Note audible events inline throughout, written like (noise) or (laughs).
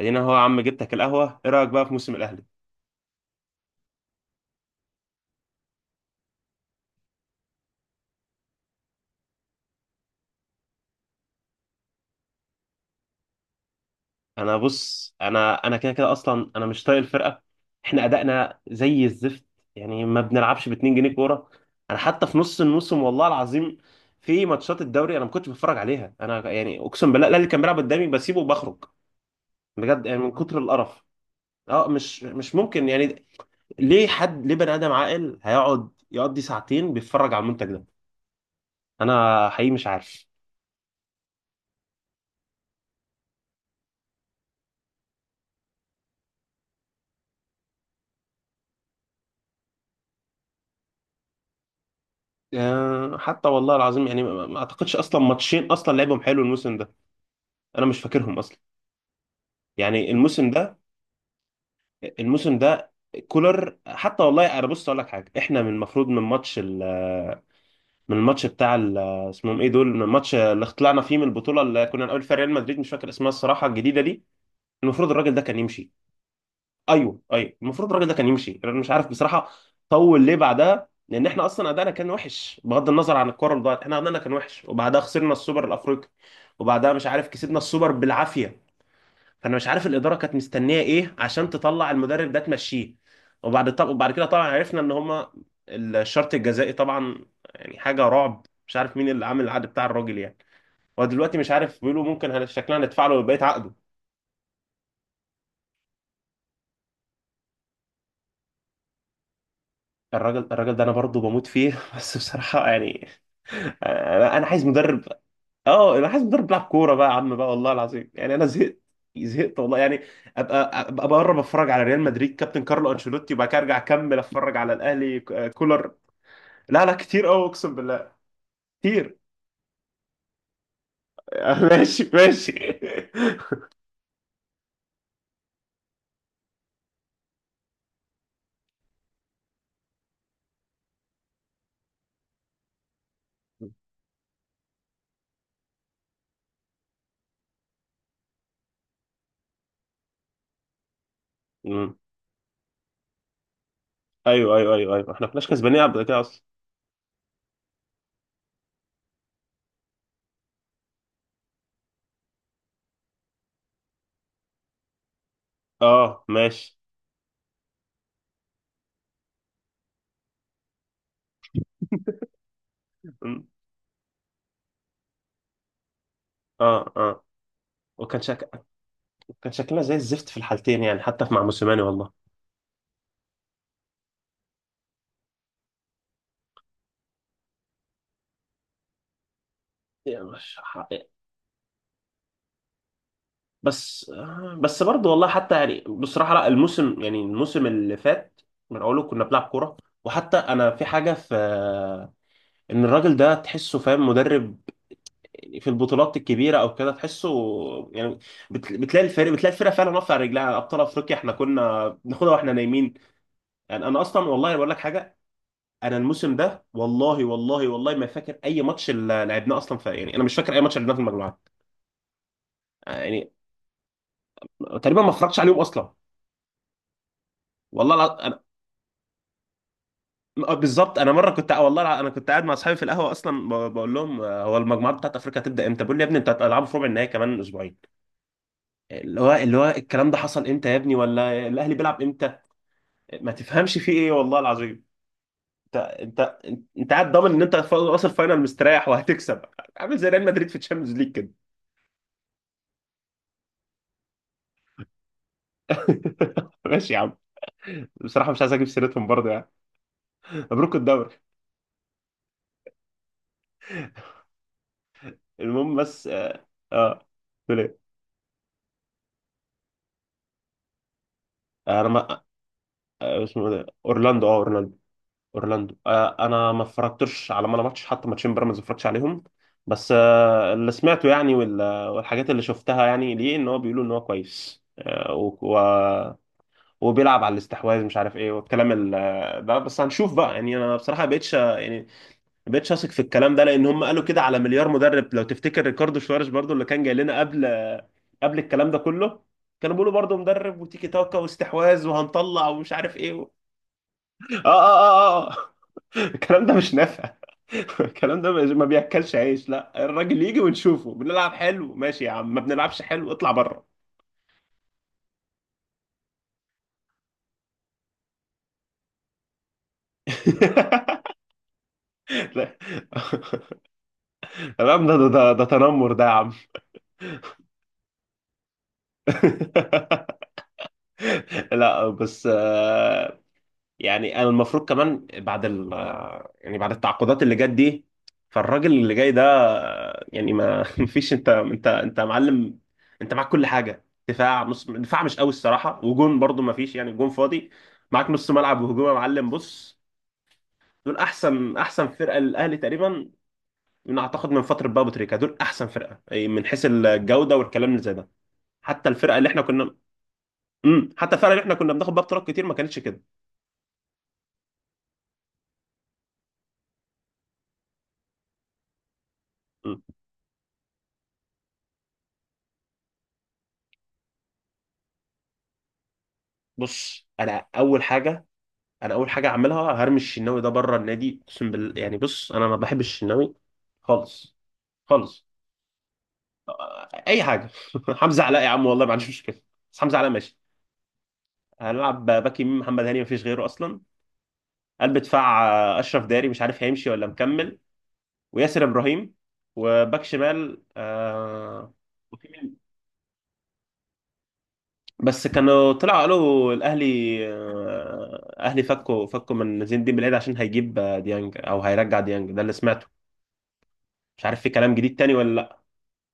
ادينا هو يا عم جبتك القهوه. ايه رايك بقى في موسم الاهلي؟ انا بص، انا كده كده اصلا انا مش طايق الفرقه. احنا ادائنا زي الزفت، يعني ما بنلعبش ب 2 جنيه كوره. انا حتى في نص الموسم والله العظيم في ماتشات الدوري انا ما كنتش بتفرج عليها. انا يعني اقسم بالله الاهلي كان بيلعب قدامي بسيبه وبخرج، بجد، يعني من كتر القرف. اه، مش ممكن يعني. ليه حد، ليه بني ادم عاقل هيقعد يقضي ساعتين بيتفرج على المنتج ده؟ انا حقيقي مش عارف. حتى والله العظيم يعني ما اعتقدش اصلا ماتشين اصلا لعبهم حلو الموسم ده. انا مش فاكرهم اصلا، يعني الموسم ده. الموسم ده كولر حتى والله انا بص اقول لك حاجه، احنا من المفروض من من اسمهم ايه دول، من الماتش اللي طلعنا فيه من البطوله اللي كنا نقابل فيها ريال مدريد، مش فاكر اسمها الصراحه الجديده دي، المفروض الراجل ده كان يمشي. ايوه ايوه، المفروض الراجل ده كان يمشي. انا مش عارف بصراحه طول ليه بعدها، لان احنا اصلا ادائنا كان وحش بغض النظر عن الكوره اللي ضاعت، احنا ادائنا كان وحش، وبعدها خسرنا السوبر الافريقي، وبعدها مش عارف كسبنا السوبر بالعافيه. فانا مش عارف الاداره كانت مستنيه ايه عشان تطلع المدرب ده تمشيه. وبعد، طب وبعد كده طبعا عرفنا ان هما الشرط الجزائي طبعا، يعني حاجه رعب. مش عارف مين اللي عامل العقد بتاع الراجل يعني. ودلوقتي مش عارف بيقولوا ممكن شكلنا هندفع له بقيه عقده. الراجل ده انا برضه بموت فيه (laughs) بس بصراحه يعني، انا عايز مدرب. اه، انا عايز مدرب بيلعب كوره بقى يا عم بقى، والله العظيم يعني انا زهقت، زهقت والله يعني. ابقى بره بتفرج على ريال مدريد كابتن كارلو انشيلوتي، وبعد كده ارجع اكمل اتفرج على الاهلي كولر. لا لا، كتير قوي اقسم بالله. كتير. (laughs) ماشي ماشي. أمم. ايوه ايوه ايوه ايوه، احنا ما كناش كسبانين قبل كده اصلا. اه ماشي. أمم. اه اه. وكان شك... كان شكلنا زي الزفت في الحالتين يعني، حتى مع موسيماني والله. يعني مش. بس. بس برضه والله حتى يعني بصراحة لا، الموسم يعني الموسم اللي فات من أوله كنا بنلعب كورة. وحتى أنا في حاجة في، إن الراجل ده تحسه فاهم مدرب في البطولات الكبيرة أو كده، تحسه يعني. بتلاقي الفريق، بتلاقي الفرقة فعلا واقفة على رجلها. أبطال أفريقيا إحنا كنا بناخدها وإحنا نايمين يعني. أنا أصلا والله بقول لك حاجة، أنا الموسم ده والله والله والله ما فاكر أي ماتش اللي لعبناه أصلا في، يعني أنا مش فاكر أي ماتش لعبناه في المجموعات يعني. تقريبا ما اتفرجتش عليهم أصلا والله. آه، بالظبط، انا مره كنت والله انا كنت قاعد مع اصحابي في القهوه اصلا، بقول لهم هو المجموعات بتاعت افريقيا هتبدا امتى؟ بيقول لي يا ابني انت هتلعبوا في ربع النهائي كمان اسبوعين. اللي هو، اللي هو الكلام ده حصل امتى يا ابني؟ ولا الاهلي بيلعب امتى؟ ما تفهمش فيه ايه والله العظيم. انت انت انت قاعد ضامن ان انت واصل فاينل مستريح وهتكسب، عامل زي ريال مدريد في تشامبيونز ليج كده. (laughs) ماشي يا عم. بصراحه مش عايز اجيب سيرتهم برضه يعني. مبروك الدوري. المهم بس اه. آه، تقول ايه؟ انا ما. اسمه إيه ده، اورلاندو، اه، اورلاندو. اورلاندو، آه، انا ما اتفرجتش على ولا ماتش، حتى ماتشين بيراميدز ما اتفرجتش عليهم. بس آه، اللي سمعته يعني والحاجات اللي شفتها يعني ليه، ان هو بيقولوا ان هو كويس آه وبيلعب على الاستحواذ، مش عارف ايه، والكلام ده. بس هنشوف بقى يعني. انا بصراحه ما بقتش يعني، ما بقتش اثق في الكلام ده، لان هم قالوا كده على مليار مدرب. لو تفتكر ريكاردو شواريز برضو اللي كان جاي لنا قبل، قبل الكلام ده كله، كانوا بيقولوا برضو مدرب وتيكي تاكا واستحواذ وهنطلع ومش عارف ايه اه اه. اه اه. (laughs) الكلام ده مش نافع. (laughs) الكلام ده ما بياكلش عيش. لا، الراجل يجي ونشوفه، بنلعب حلو ماشي يا عم، ما بنلعبش حلو اطلع بره. (laughs) لا، تمام. ده تنمر ده يا عم. (laughs) لا بس آه، يعني انا المفروض كمان بعد ال آه، يعني بعد التعاقدات اللي جت دي، فالراجل اللي جاي ده آه، يعني ما (laughs) فيش. انت معلم، انت معاك كل حاجه. دفاع، نص دفاع مش قوي الصراحه، وجون برضو ما فيش يعني، جون فاضي. معاك نص ملعب وهجوم يا معلم، بص، دول احسن فرقه للاهلي تقريبا من، اعتقد من فتره بقى أبو تريكه، دول احسن فرقه أي من حيث الجوده والكلام اللي زي ده. حتى الفرقه اللي احنا كنا، امم، حتى الفرقه اللي احنا كنا بناخد بيها بطولات كتير ما كانتش كده. مم. بص انا اول حاجه، انا اول حاجه اعملها هرمي الشناوي ده بره النادي اقسم بالله. يعني بص انا ما بحبش الشناوي خالص، خالص. اي حاجه (laughs) حمزه علاء يا عم، والله ما عنديش مشكله، بس حمزه علاء ماشي. هنلعب باك يمين محمد هاني، ما فيش غيره اصلا. قلب دفاع، آه، اشرف داري مش عارف هيمشي ولا مكمل، وياسر ابراهيم. وباك شمال آه، وفي مين؟ بس كانوا طلعوا قالوا الاهلي آه، اهلي فكوا، فكوا من زين الدين بالعيد عشان هيجيب آه، ديانج، او هيرجع ديانج، ده اللي سمعته. مش عارف في كلام جديد تاني ولا لا.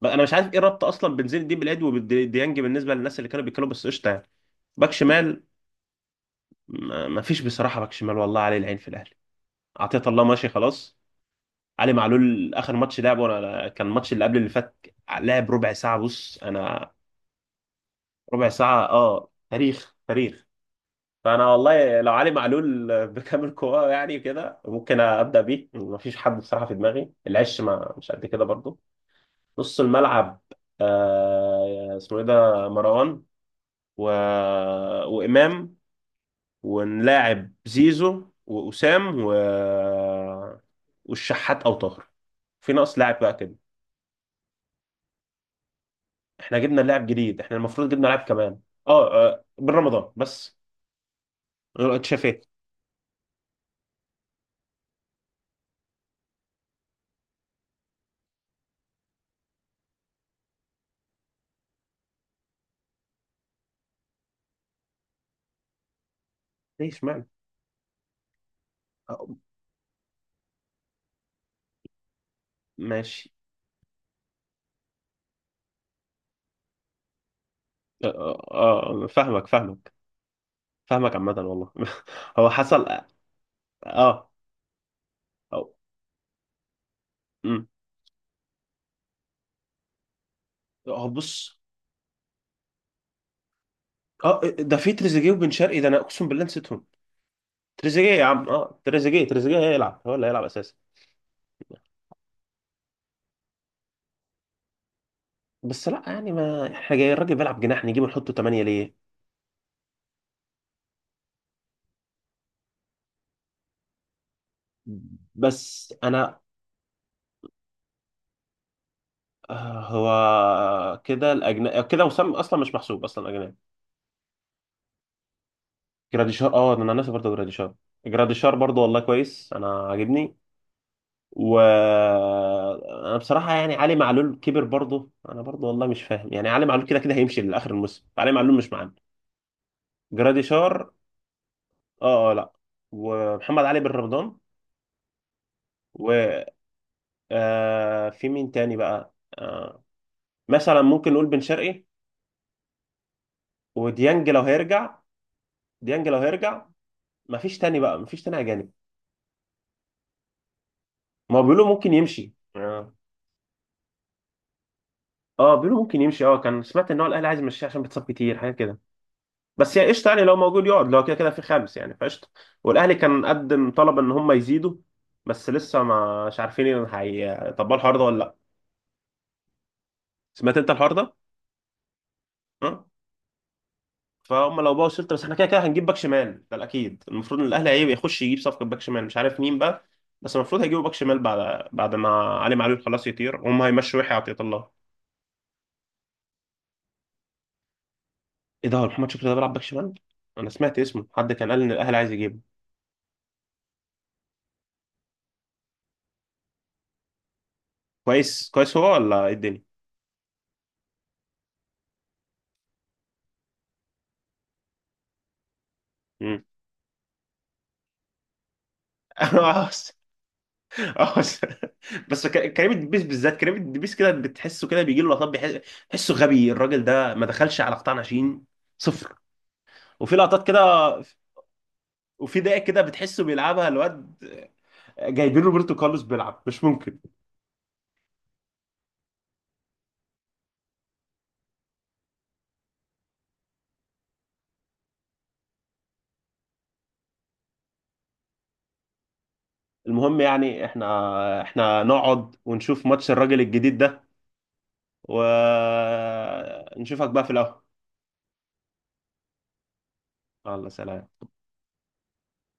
بقى انا مش عارف ايه الربط اصلا بين زين الدين بالعيد وديانج بالنسبه للناس اللي كانوا بيتكلموا، بس قشطه يعني. باك شمال، ما فيش بصراحه باك شمال والله عليه العين في الاهلي. عطية الله ماشي خلاص. علي معلول اخر ماتش لعبه انا كان الماتش اللي قبل اللي فات، لعب ربع ساعه بص انا. ربع ساعة، اه، تاريخ تاريخ. فأنا والله لو علي معلول بكامل قواه يعني كده ممكن أبدأ بيه. مفيش حد بصراحة في دماغي، العش ما مش قد كده برضو. نص الملعب، آه، اسمه إيه ده، مروان و... وإمام. ونلاعب زيزو وأسام والشحات أو طاهر. في ناقص لاعب بقى كده. احنا جبنا لاعب جديد، احنا المفروض جبنا لاعب كمان. اه، آه، بن رمضان بس، اتشافيت. ليش معنى ماشي. اه، آه، فاهمك، فاهمك عامة والله (laughs) هو حصل. اه. أو- أمم. اه بص. اه ده في تريزيجيه وبن شرقي، ده انا اقسم بالله نسيتهم. تريزيجيه يا عم اه، تريزيجيه هيلعب، هو اللي هيلعب اساسا. بس لا يعني، ما احنا جاي الراجل بيلعب جناح، نجيبه نحطه 8 ليه؟ بس انا، آه، هو كده الاجنبي كده وسام اصلا مش محسوب اصلا اجنبي. جراديشار، اه ده انا ناسي برضه جراديشار. جراديشار برضه والله كويس، انا عاجبني. وانا بصراحه يعني علي معلول كبر برضه، انا برضه والله مش فاهم يعني. علي معلول كده كده هيمشي لاخر الموسم، علي معلول مش معانا. جراديشار. اه اه لا. ومحمد علي بن رمضان، و، آه، في مين تاني بقى، آه، مثلا ممكن نقول بن شرقي وديانج لو هيرجع. ديانج لو هيرجع. مفيش تاني بقى، مفيش تاني اجانب. ما هو بيقولوا ممكن يمشي اه. آه، بيقولوا ممكن يمشي اه. كان سمعت ان هو الاهلي عايز يمشيه عشان بيتصاب كتير، حاجه كده. بس يعني قشطه يعني، لو موجود يقعد، لو كده كده في 5 يعني فقشطه. والاهلي كان قدم طلب ان هم يزيدوا، بس لسه مش عارفين ان هيطبقوا الحوار ده ولا لا. سمعت انت الحوار ده؟ ها؟ فهم لو بقوا شلت، بس احنا كده كده هنجيب باك شمال، ده الاكيد. المفروض ان الاهلي هيبقى يخش يجيب صفقه باك شمال، مش عارف مين بقى. بس المفروض هيجيبوا باك شمال بعد، بعد ما علي معلول خلاص يطير، وهم هيمشوا يحيى عطية الله. ايه ده، هو محمد شكري ده بيلعب باك شمال؟ انا سمعت اسمه، حد كان قال ان الاهلي عايز يجيبه. كويس كويس، هو ولا ايه الدنيا؟ مم. (laughs) اه (laughs) بس بس. كريم الدبيس بالذات، كريم الدبيس كده بتحسه كده بيجي له لقطات بتحسه غبي الراجل ده، ما دخلش على قطاع ناشئين. 0. وفي لقطات كده وفي دقايق كده بتحسه بيلعبها الواد، جايبين روبرتو كارلوس بيلعب. مش ممكن. المهم يعني، احنا نقعد ونشوف ماتش الراجل الجديد ده، ونشوفك بقى في القهوة. الله، سلام.